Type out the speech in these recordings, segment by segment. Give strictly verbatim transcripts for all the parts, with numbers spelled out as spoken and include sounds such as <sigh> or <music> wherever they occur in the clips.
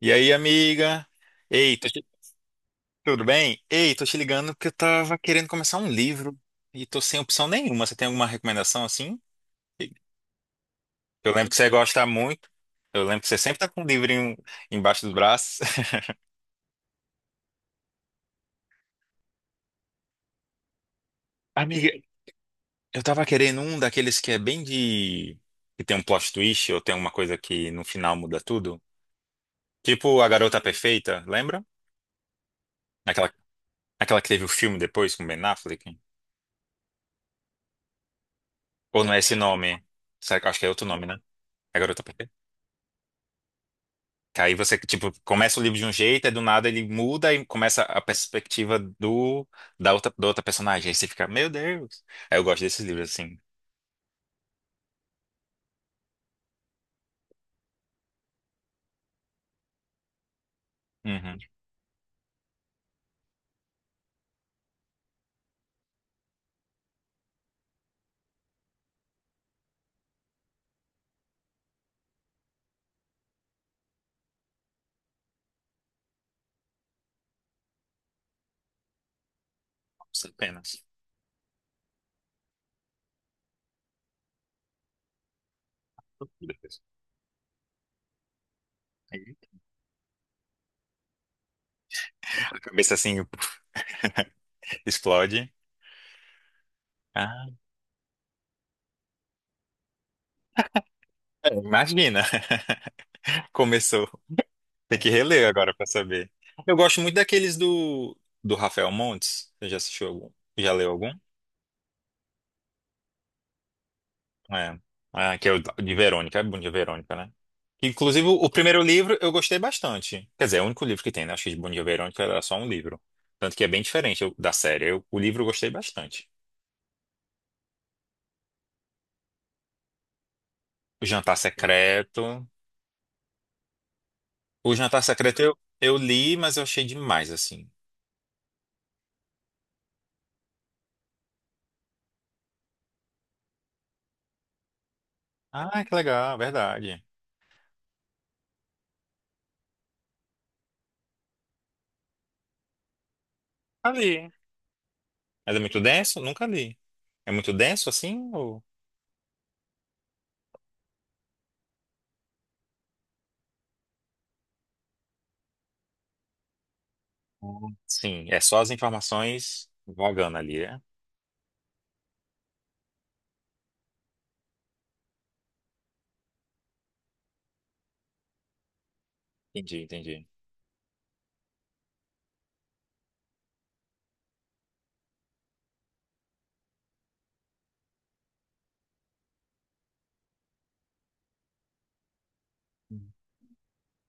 E aí, amiga? Ei, tô te- Tudo bem? Ei, tô te ligando porque eu tava querendo começar um livro e tô sem opção nenhuma. Você tem alguma recomendação assim? Eu lembro que você gosta muito. Eu lembro que você sempre tá com um livrinho embaixo dos braços. <laughs> Amiga, eu tava querendo um daqueles que é bem de... que tem um plot twist ou tem alguma coisa que no final muda tudo. Tipo A Garota Perfeita, lembra? Aquela, aquela que teve o filme depois com Ben Affleck. Ou não é esse nome? Será que- Acho que é outro nome, né? A Garota Perfeita. Que aí você, tipo, começa o livro de um jeito, aí do nada ele muda e começa a perspectiva do, da outra, da outra personagem. Aí você fica, meu Deus. Aí eu gosto desses livros, assim. Uhum. Nossa, apenas. Aí A cabeça, assim, <laughs> explode. Ah, é, imagina. <laughs> Começou. Tem que reler agora pra saber. Eu gosto muito daqueles do, do Rafael Montes. Você já assistiu algum? Já leu algum? É, é, que é o de Verônica, é bom de Verônica, né? Inclusive, o primeiro livro eu gostei bastante. Quer dizer, é o único livro que tem, né? Acho que de Bom Dia Verônica era só um livro. Tanto que é bem diferente eu- da série. Eu- o livro eu gostei bastante. O Jantar Secreto. O Jantar Secreto eu, eu li, mas eu achei demais, assim. Ah, que legal, verdade. Ali. Mas é muito denso? Nunca li. É muito denso assim? Ou... Sim, é só as informações vagando ali, é? Entendi, entendi.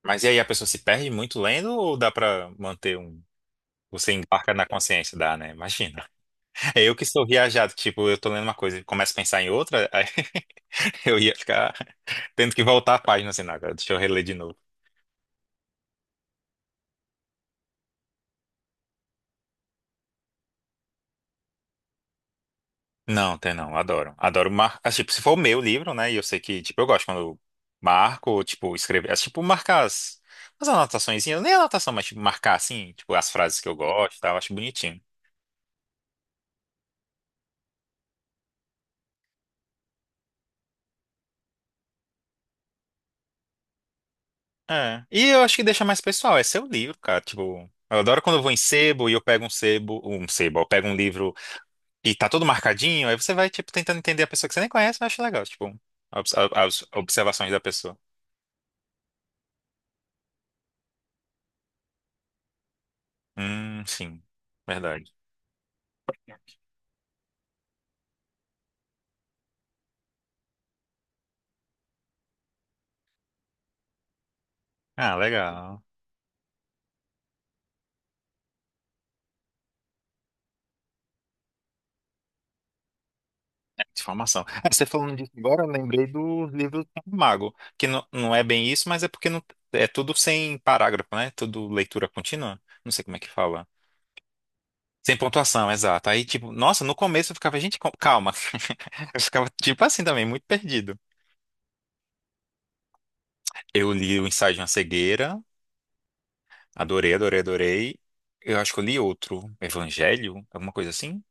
Mas e aí a pessoa se perde muito lendo ou dá pra manter um. Você embarca na consciência, dá, né? Imagina. <laughs> É eu que sou viajado, tipo, eu tô lendo uma coisa e começo a pensar em outra, aí <laughs> eu ia ficar tendo que voltar a página assim, não, agora deixa eu reler de novo. Não, tem não, adoro. Adoro mar... ah, tipo, se for o meu livro, né? E eu sei que, tipo, eu gosto quando eu marco, ou, tipo, escrever, é, tipo, marcar as, as anotaçõezinhas, nem anotação, mas tipo, marcar assim, tipo, as frases que eu gosto, e tal, eu acho bonitinho. É. E eu acho que deixa mais pessoal, é seu livro, cara. Tipo, eu adoro quando eu vou em sebo e eu pego um sebo, um sebo, eu pego um livro e tá todo marcadinho, aí você vai, tipo, tentando entender a pessoa que você nem conhece, eu acho legal, tipo, obs- a- as observações da pessoa. Hum, sim, verdade. Ah, legal. É, informação. Ah, você falando disso agora, eu lembrei do livro do Tiago Mago, que não, não é bem isso, mas é porque não, é tudo sem parágrafo, né? Tudo leitura contínua. Não sei como é que fala. Sem pontuação, exato. Aí, tipo, nossa, no começo eu ficava, gente, com- calma. <laughs> Eu ficava, tipo assim também, muito perdido. Eu li o Ensaio de uma Cegueira, adorei, adorei, adorei. Eu acho que eu li outro, Evangelho, alguma coisa assim.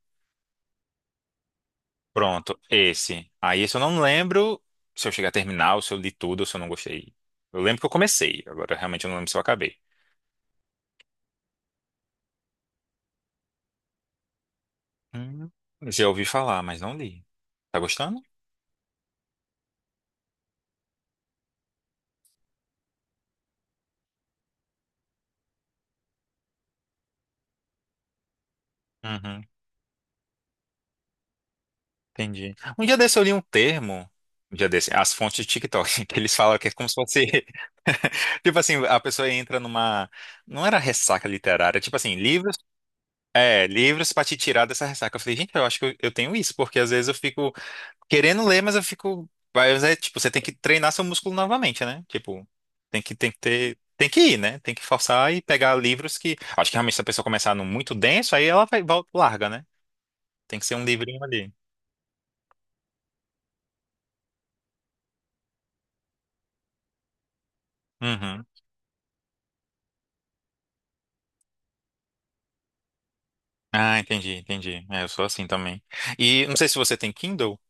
Pronto, esse. Aí, esse eu não lembro se eu cheguei a terminar, ou se eu li tudo, ou se eu não gostei. Eu lembro que eu comecei, agora realmente eu não lembro se eu acabei. Hum. Já ouvi falar, mas não li. Tá gostando? Entendi. Um dia desse eu li um termo, um dia desse, as fontes de TikTok, <laughs> que eles falam que é como se fosse. <laughs> Tipo assim, a pessoa entra numa. Não era ressaca literária, tipo assim, livros. É, livros pra te tirar dessa ressaca. Eu falei, gente, eu acho que eu, eu tenho isso, porque às vezes eu fico querendo ler, mas eu fico. Mas é, tipo, você tem que treinar seu músculo novamente, né? Tipo, tem que, tem que ter. Tem que ir, né? Tem que forçar e pegar livros que. Acho que realmente se a pessoa começar no muito denso, aí ela vai, volta, larga, né? Tem que ser um livrinho ali. Uhum. Ah, entendi, entendi. É, eu sou assim também. E não sei se você tem Kindle,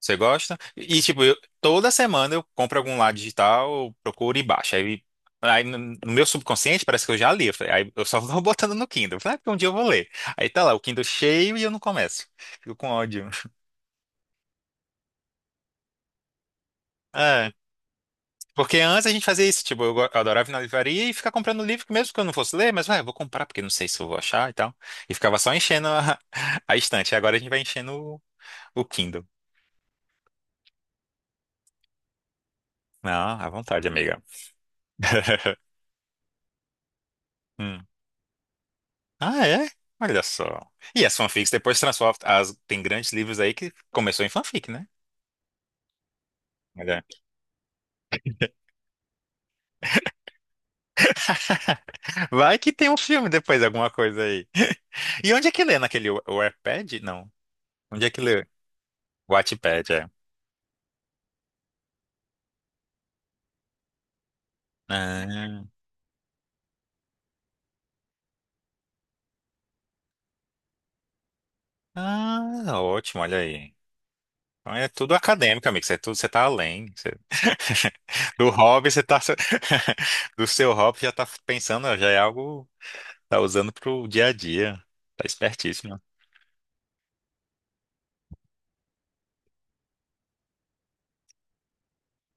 você gosta? E tipo, eu- toda semana eu compro algum lá digital, eu procuro e baixo. Aí, aí no no meu subconsciente parece que eu já li. Eu falei, aí eu só <laughs> vou botando no Kindle. Eu falei, ah, porque um dia eu vou ler. Aí tá lá, o Kindle cheio e eu não começo. Fico com ódio. É, porque antes a gente fazia isso, tipo, eu go- eu adorava ir na livraria e ficar comprando livro, que mesmo que eu não fosse ler, mas vai, eu vou comprar, porque não sei se eu vou achar e tal. E ficava só enchendo a, <laughs> a estante. Agora a gente vai enchendo o o Kindle. Não, à vontade, amiga. <laughs> Hum. Ah, é? Olha só. E as fanfics depois se transformam. as- Tem grandes livros aí que começou em fanfic, né? Olha. Vai que tem um filme depois, alguma coisa aí. <laughs> E onde é que lê? Naquele Wa- Wattpad? Não. Onde é que lê? Wattpad, é. Ah, ah, ótimo, olha aí. Então é tudo acadêmico, amigo. Você, é tudo, você tá além. Você- <laughs> Do hobby, você tá. <laughs> Do seu hobby já tá pensando, ó, já é algo. Tá usando pro dia a dia. Tá espertíssimo.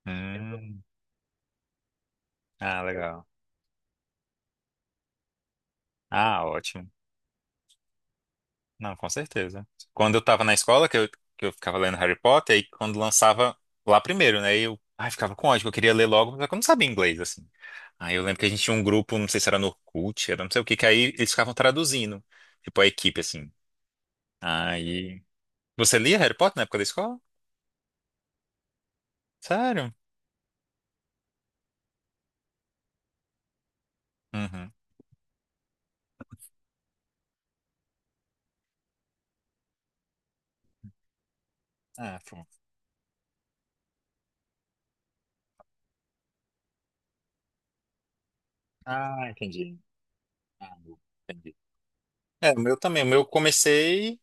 Hum, ah, legal. Ah, ótimo. Não, com certeza. Quando eu tava na escola, que eu, que eu ficava lendo Harry Potter, aí quando lançava lá primeiro, né? Eu, ai, ficava com ódio, que eu queria ler logo, mas eu não sabia inglês, assim. Aí eu lembro que a gente tinha um grupo, não sei se era no Orkut, era não sei o que, que aí eles ficavam traduzindo, tipo a equipe, assim. Aí. Você lia Harry Potter na época da escola? Sério? Uhum. Ah, pô. Ah, entendi. Ah, entendi. É, o meu também. O meu eu comecei.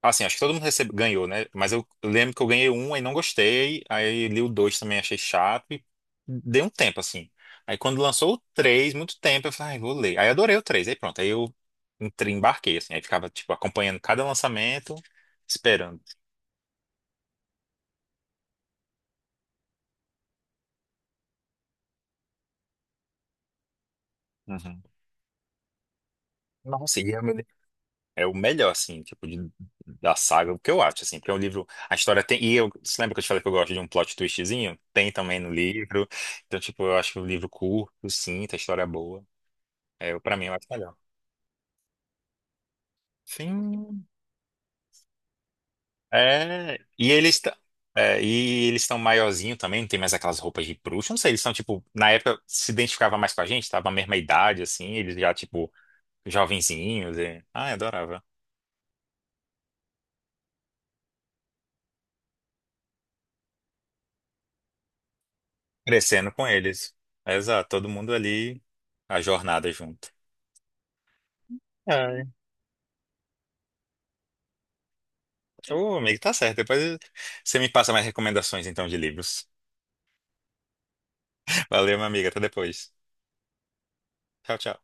Assim, acho que todo mundo recebe, ganhou, né? Mas eu lembro que eu ganhei um e não gostei. Aí li o dois também, achei chato. E dei um tempo, assim. Aí quando lançou o três, muito tempo, eu falei, ai, vou ler. Aí adorei o três. Aí pronto, aí eu entrei, embarquei, assim. Aí ficava, tipo, acompanhando cada lançamento, esperando. Uhum. Nossa, e é o, meu li- é o melhor, assim, tipo, de- da saga, o que eu acho, assim. Porque é um livro, a história tem... E eu, você lembra que eu te falei que eu gosto de um plot twistzinho? Tem também no livro. Então, tipo, eu acho que o livro curto, sim, a história é boa. É, eu, para mim, eu acho melhor. Sim. É. E eles estão. E eles estão maiorzinho também, não tem mais aquelas roupas de bruxa. Não sei, eles estão, tipo, na época se identificava mais com a gente, tava a mesma idade, assim, eles já, tipo, jovenzinhos. E... Ah, eu adorava. Crescendo com eles. Exato, todo mundo ali, a jornada junto. Ai. Ô, amigo, tá certo. Depois você me passa mais recomendações, então, de livros. <laughs> Valeu, minha amiga. Até depois. Tchau, tchau.